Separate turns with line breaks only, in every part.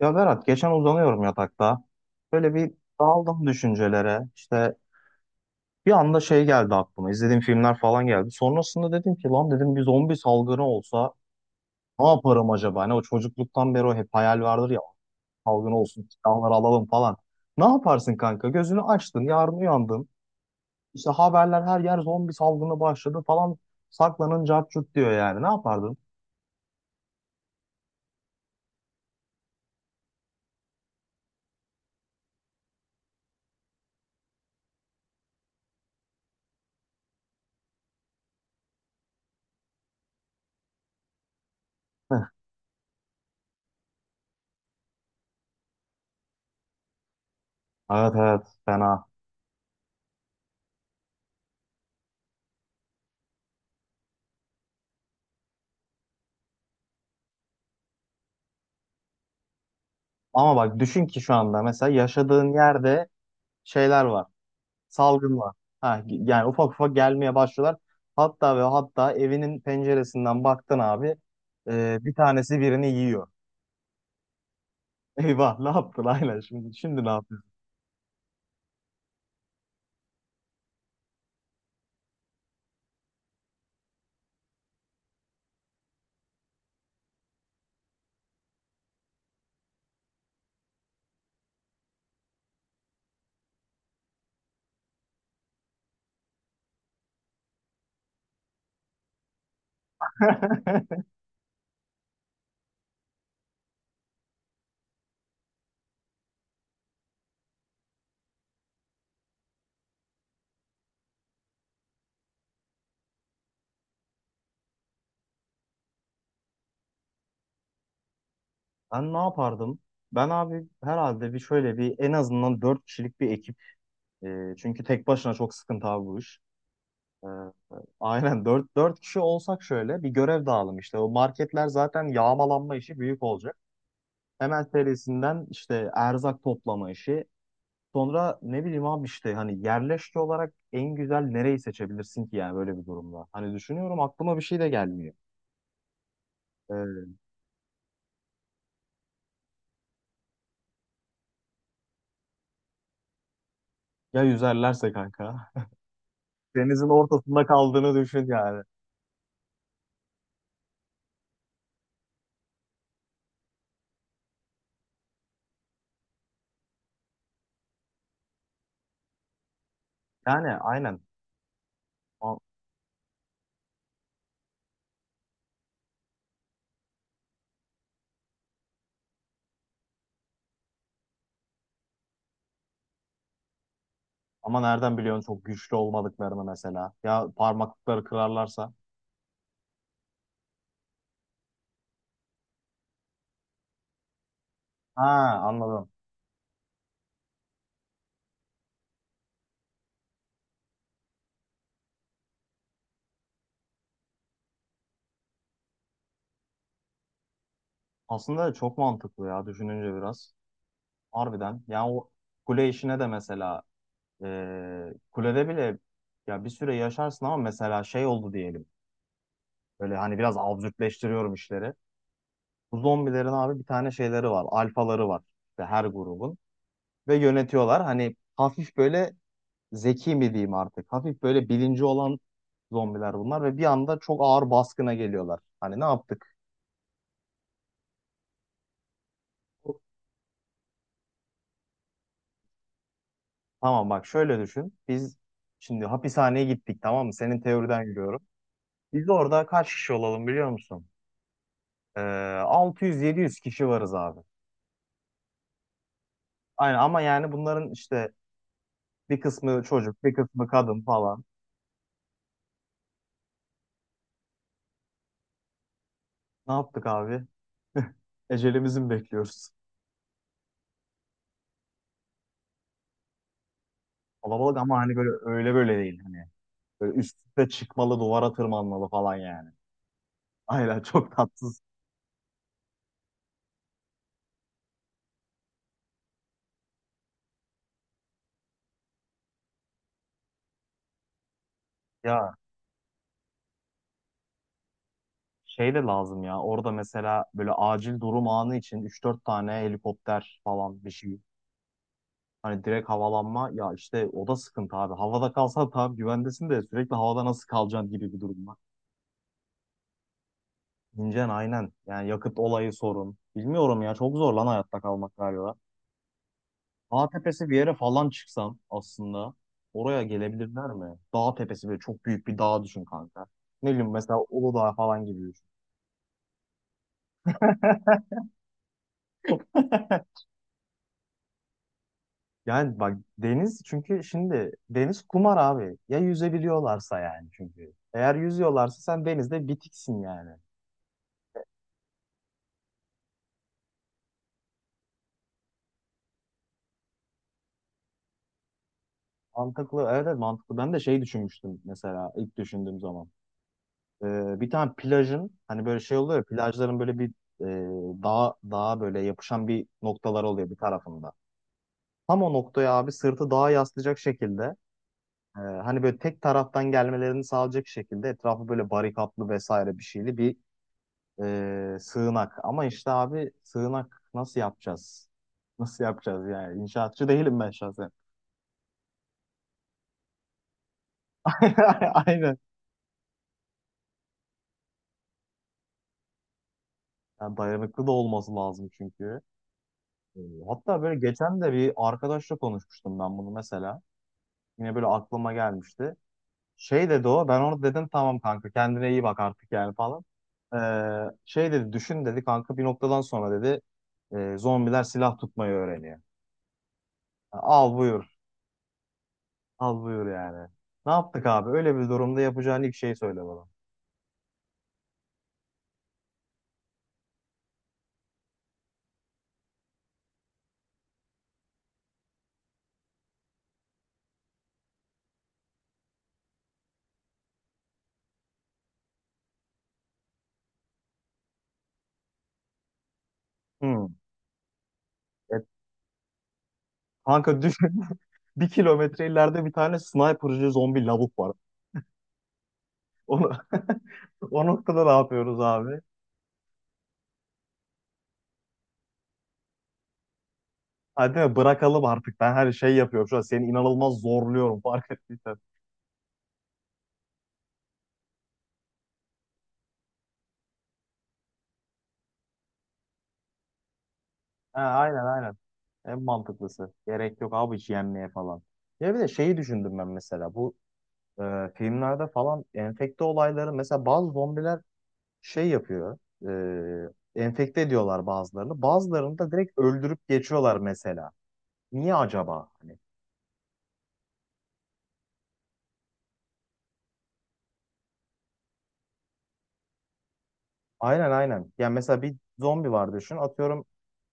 Ya Berat geçen uzanıyorum yatakta. Böyle bir daldım düşüncelere. İşte bir anda şey geldi aklıma. İzlediğim filmler falan geldi. Sonrasında dedim ki lan dedim bir zombi salgını olsa ne yaparım acaba? Hani o çocukluktan beri o hep hayal vardır ya. Salgın olsun silahları alalım falan. Ne yaparsın kanka? Gözünü açtın yarın uyandın. İşte haberler her yer zombi salgını başladı falan. Saklanın cart curt diyor yani. Ne yapardın? Heh. Evet, evet, fena. Ama bak düşün ki şu anda mesela yaşadığın yerde şeyler var. Salgın var. Ha, yani ufak ufak gelmeye başlıyorlar. Hatta ve hatta evinin penceresinden baktın abi, bir tanesi birini yiyor. Eyvah ne yaptın? Aynen, şimdi ne yapıyorsun? Ben ne yapardım? Ben abi herhalde bir şöyle bir en azından 4 kişilik bir ekip. Çünkü tek başına çok sıkıntı abi bu iş. E, aynen 4 kişi olsak şöyle bir görev dağılım işte. O marketler zaten yağmalanma işi büyük olacak. Hemen serisinden işte erzak toplama işi. Sonra ne bileyim abi, işte hani yerleşke olarak en güzel nereyi seçebilirsin ki yani böyle bir durumda. Hani düşünüyorum, aklıma bir şey de gelmiyor. Ee, ya yüzerlerse kanka. Denizin ortasında kaldığını düşün yani. Yani aynen. A- Ama nereden biliyorsun çok güçlü olmadıklarını mesela. Ya parmaklıkları kırarlarsa. Ha, anladım. Aslında çok mantıklı ya, düşününce biraz. Harbiden. Yani o kule işine de mesela kulede bile ya bir süre yaşarsın, ama mesela şey oldu diyelim. Böyle hani biraz absürtleştiriyorum işleri. Bu zombilerin abi bir tane şeyleri var. Alfaları var. İşte her grubun. Ve yönetiyorlar. Hani hafif böyle zeki mi diyeyim artık. Hafif böyle bilinci olan zombiler bunlar. Ve bir anda çok ağır baskına geliyorlar. Hani ne yaptık? Tamam, bak şöyle düşün. Biz şimdi hapishaneye gittik, tamam mı? Senin teoriden yürüyorum. Biz orada kaç kişi olalım biliyor musun? Ee, 600-700 kişi varız abi. Aynen, ama yani bunların işte bir kısmı çocuk, bir kısmı kadın falan. Ne yaptık abi? Ecelimizi mi bekliyoruz? Kalabalık, ama hani böyle öyle böyle değil hani. Böyle üst üste çıkmalı, duvara tırmanmalı falan yani. Aynen, çok tatsız. Ya şey de lazım ya. Orada mesela böyle acil durum anı için üç dört tane helikopter falan bir şey. Hani direkt havalanma ya, işte o da sıkıntı abi. Havada kalsan tamam güvendesin, de sürekli havada nasıl kalacaksın gibi bir durum var. İncen aynen. Yani yakıt olayı sorun. Bilmiyorum ya, çok zor lan hayatta kalmak galiba. Dağ tepesi bir yere falan çıksam aslında, oraya gelebilirler mi? Dağ tepesi, böyle çok büyük bir dağ düşün kanka. Ne bileyim, mesela Uludağ falan gibi düşün. Yani bak, deniz çünkü, şimdi deniz kumar abi. Ya yüzebiliyorlarsa yani çünkü. Eğer yüzüyorlarsa sen denizde bitiksin yani. Mantıklı, evet, evet, mantıklı. Ben de şey düşünmüştüm mesela, ilk düşündüğüm zaman. Bir tane plajın hani böyle şey oluyor ya, plajların böyle bir e, dağa böyle yapışan bir noktalar oluyor bir tarafında. Tam o noktaya abi, sırtı dağa yaslayacak şekilde, hani böyle tek taraftan gelmelerini sağlayacak şekilde etrafı böyle barikatlı vesaire bir şeyli bir sığınak. Ama işte abi, sığınak nasıl yapacağız? Nasıl yapacağız yani? İnşaatçı değilim ben şahsen. Aynen. Yani dayanıklı da olması lazım çünkü. E, Hatta böyle geçen de bir arkadaşla konuşmuştum ben bunu mesela. Yine böyle aklıma gelmişti. Şey dedi o. Ben onu dedim tamam kanka, kendine iyi bak artık yani falan. Şey dedi, düşün dedi kanka, bir noktadan sonra dedi zombiler silah tutmayı öğreniyor. Al buyur. Al buyur yani. Ne yaptık abi? Öyle bir durumda yapacağın ilk şeyi söyle bana. Hmm. E, kanka düşün, 1 kilometre ileride bir tane sniper'cı zombi lavuk var. Onu, o noktada ne yapıyoruz abi? Hadi mi bırakalım artık? Ben her şey yapıyorum şu an. Seni inanılmaz zorluyorum fark ettiysen. Ha, aynen, aynen. En mantıklısı. Gerek yok abi hiç yenmeye falan. Ya bir de şeyi düşündüm ben mesela. Bu filmlerde falan enfekte olayları, mesela bazı zombiler şey yapıyor. Enfekte ediyorlar bazılarını. Bazılarını da direkt öldürüp geçiyorlar mesela. Niye acaba? Hani, aynen, aynen. Ya mesela bir zombi var düşün. Atıyorum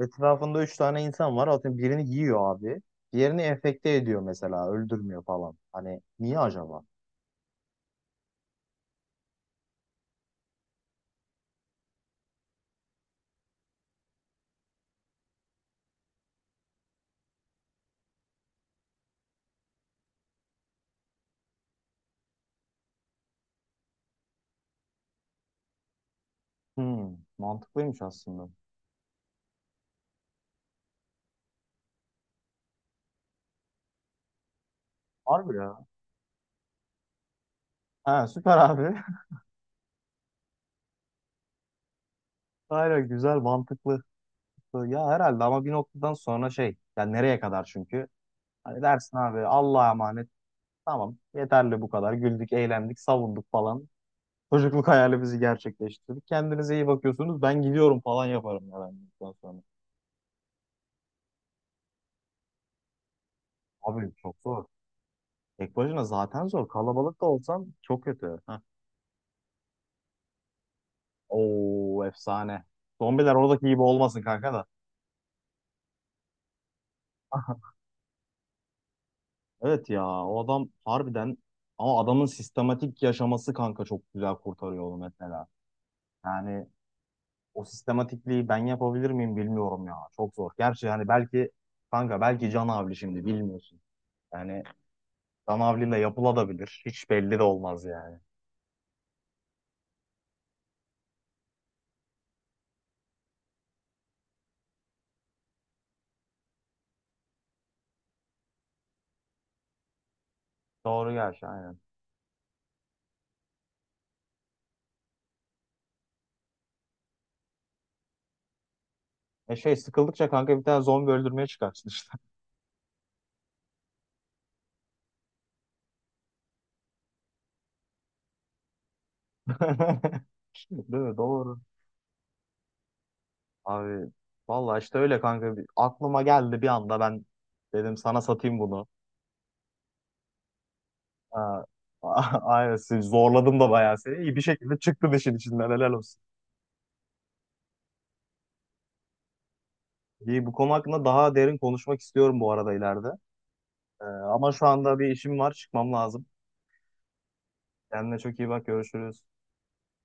etrafında üç tane insan var. Atıyorum birini yiyor abi. Diğerini enfekte ediyor mesela. Öldürmüyor falan. Hani niye acaba? Hmm, mantıklıymış aslında. Harbi ya. Ha, süper abi. Aynen, güzel, mantıklı. Ya herhalde, ama bir noktadan sonra şey, yani nereye kadar çünkü? Hani dersin abi, Allah'a emanet. Tamam, yeterli bu kadar. Güldük, eğlendik, savunduk falan. Çocukluk hayalimizi gerçekleştirdik. Kendinize iyi bakıyorsunuz. Ben gidiyorum falan yaparım ya ben bundan sonra. Abi çok zor. Tek başına zaten zor. Kalabalık da olsan çok kötü. Heh. Oo, efsane. Zombiler oradaki gibi olmasın kanka da. Evet ya, o adam harbiden, ama adamın sistematik yaşaması kanka çok güzel kurtarıyor onu mesela. Yani o sistematikliği ben yapabilir miyim bilmiyorum ya. Çok zor. Gerçi yani belki kanka, belki Can Avli, şimdi bilmiyorsun. Yani Can Avli'yle yapılabilir. Hiç belli de olmaz yani. Doğru gerçi, aynen. Şey, sıkıldıkça kanka bir tane zombi öldürmeye çıkarsın işte. Değil mi? Doğru. Abi vallahi işte öyle kanka. Aklıma geldi bir anda, ben dedim sana satayım bunu. Ha, aynen, sizi zorladım da bayağı, seni. İyi bir şekilde çıktın işin içinden, helal olsun. İyi, bu konu hakkında daha derin konuşmak istiyorum bu arada ileride. Ama şu anda bir işim var, çıkmam lazım. Kendine çok iyi bak, görüşürüz.